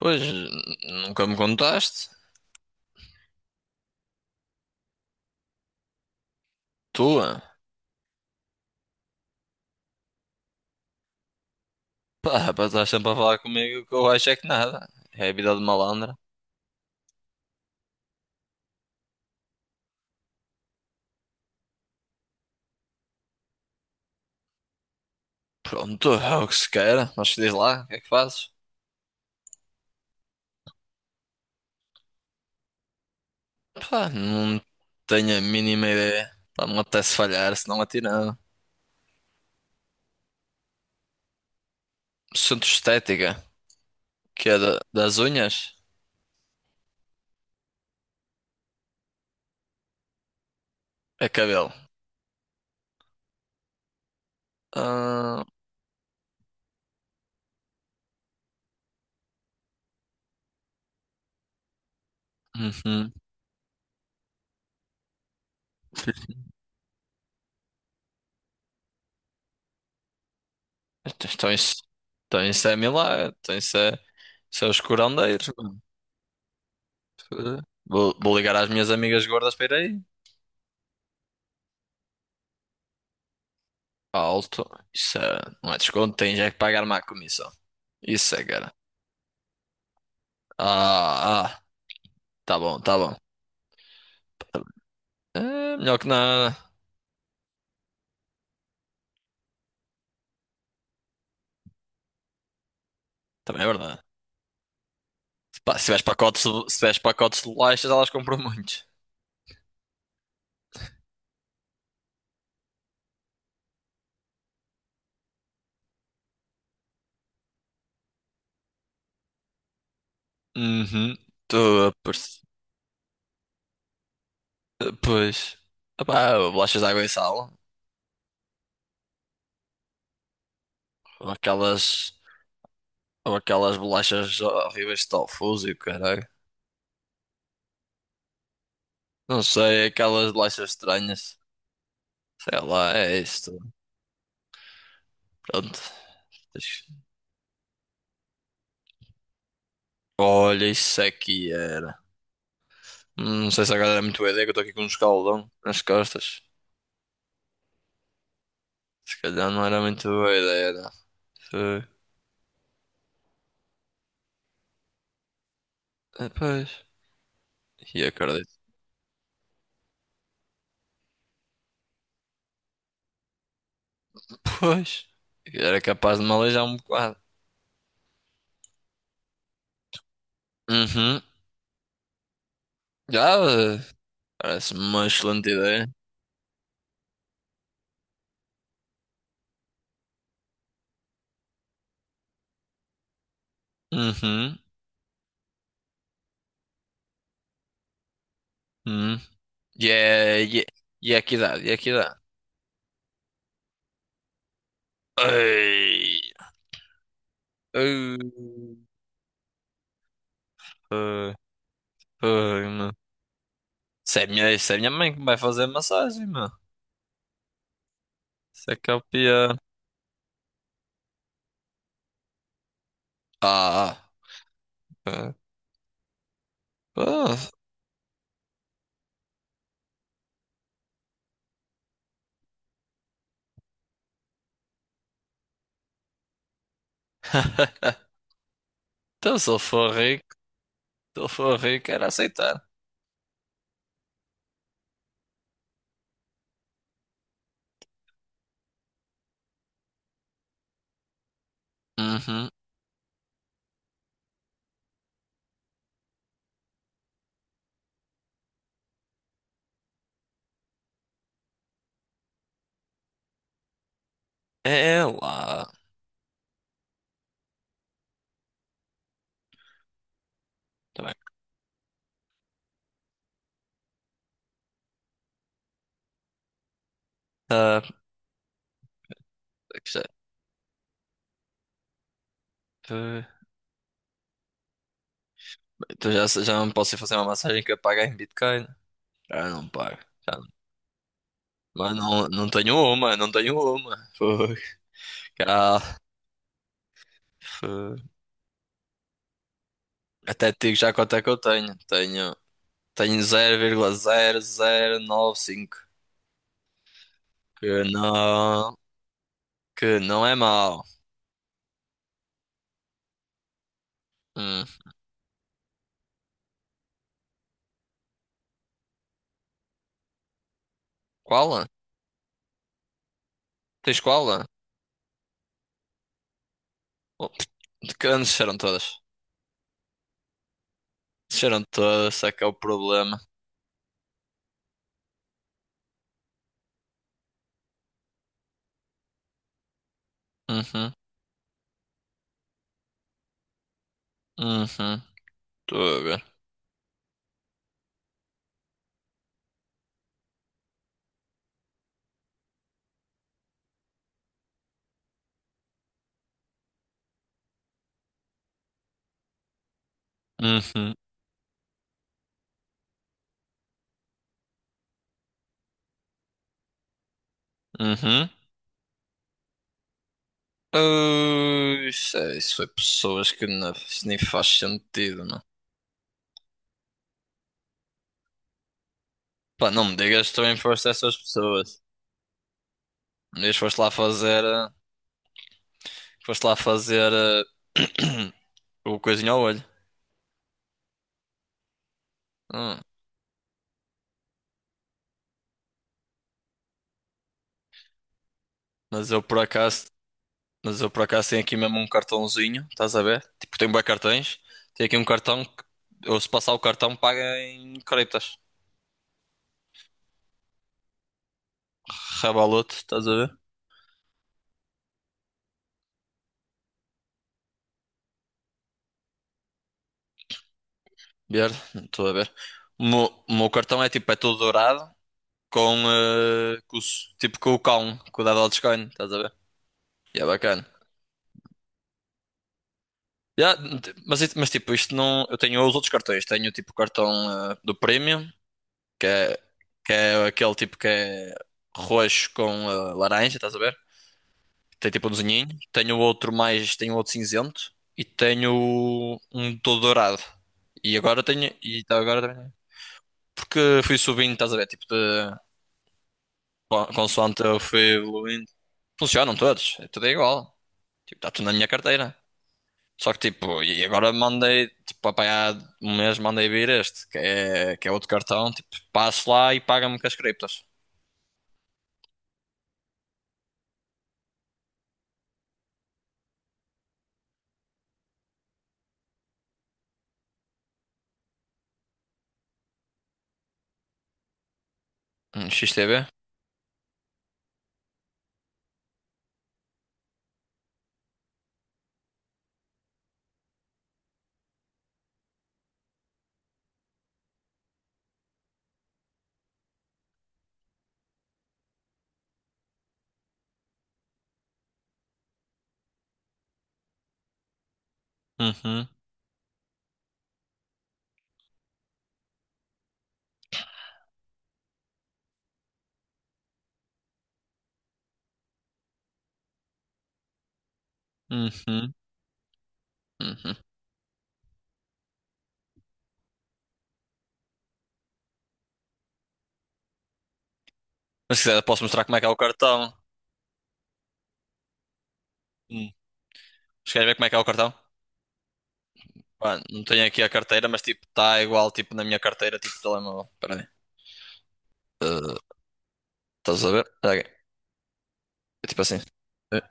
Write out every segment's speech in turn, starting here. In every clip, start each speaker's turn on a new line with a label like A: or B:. A: Pois, nunca me contaste. Tua. Pá, estás sempre a falar comigo que eu acho é que nada. É a vida de malandra. Pronto, é o que se queira. Mas diz lá, o que é que fazes? Pá, não tenho a mínima ideia. Pá, não me apetece falhar, se não atirava. Centro estética, que é das unhas, é cabelo. Ah, uhum. Então isso, então isso é milagre. Então isso é os curandeiros, mano. Vou ligar às minhas amigas gordas para ir aí. Alto. Isso é, não é desconto, tem já que pagar uma comissão. Isso é, cara. Ah, ah, tá bom, tá bom. É melhor que nada. Também é verdade. Pá, se tiveres pacotes de bolachas, elas compram muito. Uhum. Tô a perce- Pois. Epá, bolachas de água e sal. Ou aquelas. Ou aquelas bolachas horríveis de tofu e o caralho. Não sei, aquelas bolachas estranhas. Sei lá, é isto. Pronto. Deixa- Olha, isso aqui era. Não sei se agora era muito boa ideia, que eu estou aqui com um escaldão nas costas. Se calhar não era muito boa ideia, não. Foi. Ah, pois. E acredito. Pois. Era capaz de me aleijar um bocado. Uhum. Já. Parece-me uma excelente ideia. Uhum. Uhum. E é. E é e que idade? E é que idade? Ei. Ei. Ei. Ei, meu. Isso é minha mãe que me vai fazer massagem, meu. Isso é que é o pior. Ah. Ah. Ah. Então, se ele for rico, era aceitar. Uhum. É lá. Tá bem. Ah, isto é, eh, então já não posso ir fazer uma massagem que eu pague em Bitcoin. Ah, não pago. Já não- Mas não, não tenho uma. Foi. Cá. Foi. Até te digo já quanto é que eu tenho. Tenho 0,0095. Que não, que não é mau. Hum. Qual? Tens qual? Oh, que anos disseram todas? Desceram todos, esse é que é o problema. Uhum, uhum, estou a ver. Uhum, uhum. Ui, isso, isso foi pessoas que não, isso nem faz sentido, não. Pá, não me digas que também foste essas pessoas. Um dia foste lá fazer, foste lá fazer o coisinho ao olho. Hum, Mas eu por acaso, mas eu por acaso tenho aqui mesmo um cartãozinho, estás a ver? Tipo, tenho bué cartões. Tenho aqui um cartão que, ou se passar o cartão, paga em criptas. Revolut, estás a ver? Ver, estou a ver. O meu cartão é tipo, é todo dourado com, com tipo com o cão, com o da Dogecoin, estás a ver? E é bacana. Ya, mas, mas tipo, isto não. Eu tenho os outros cartões. Tenho tipo o cartão do Premium, que é, que é aquele tipo que é roxo com laranja, estás a ver? Tem tipo um desenhinho. Tenho outro cinzento e tenho um todo dourado. E agora tenho. E tá agora também. Porque fui subindo, estás a ver? Tipo de. Consoante eu fui evoluindo. Funcionam todos, é tudo igual. Tipo, está tudo na minha carteira. Só que tipo, e agora mandei, tipo, apanhar um mês mandei vir este, que é outro cartão, tipo, passo lá e paga-me com as criptos. XTB? Uhum, uhum, uhum. Mas se quiser posso mostrar como é que é o cartão. Hum. Mas queres ver como é que é o cartão? Pá, não tenho aqui a carteira, mas tipo, está igual tipo na minha carteira, tipo telemóvel. Espera aí. Eh, Estás a ver? Espera aí. É tipo assim. Eh,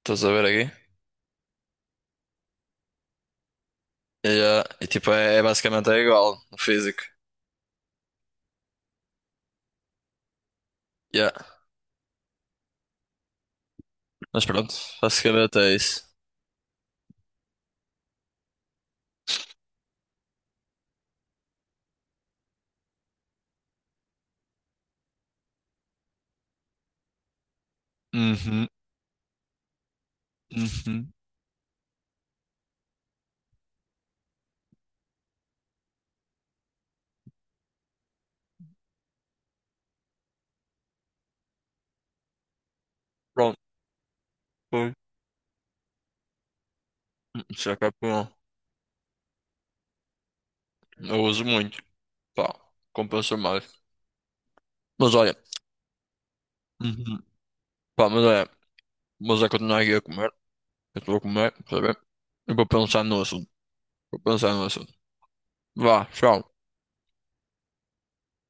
A: Estás a ver aqui? Yeah. E tipo, é basicamente é igual no físico. Yeah. Mas pronto, basicamente é isso. Uhum, uhum. Pronto, foi. Isso é campeão. Eu uso muito. Pá, compensa mais. Mas olha, uhum. Pá, mas olha mas é continuar aqui a comer. Eu estou a comer, está bem? Eu vou pensar no assunto. Vou pensar no assunto. Vá, tchau.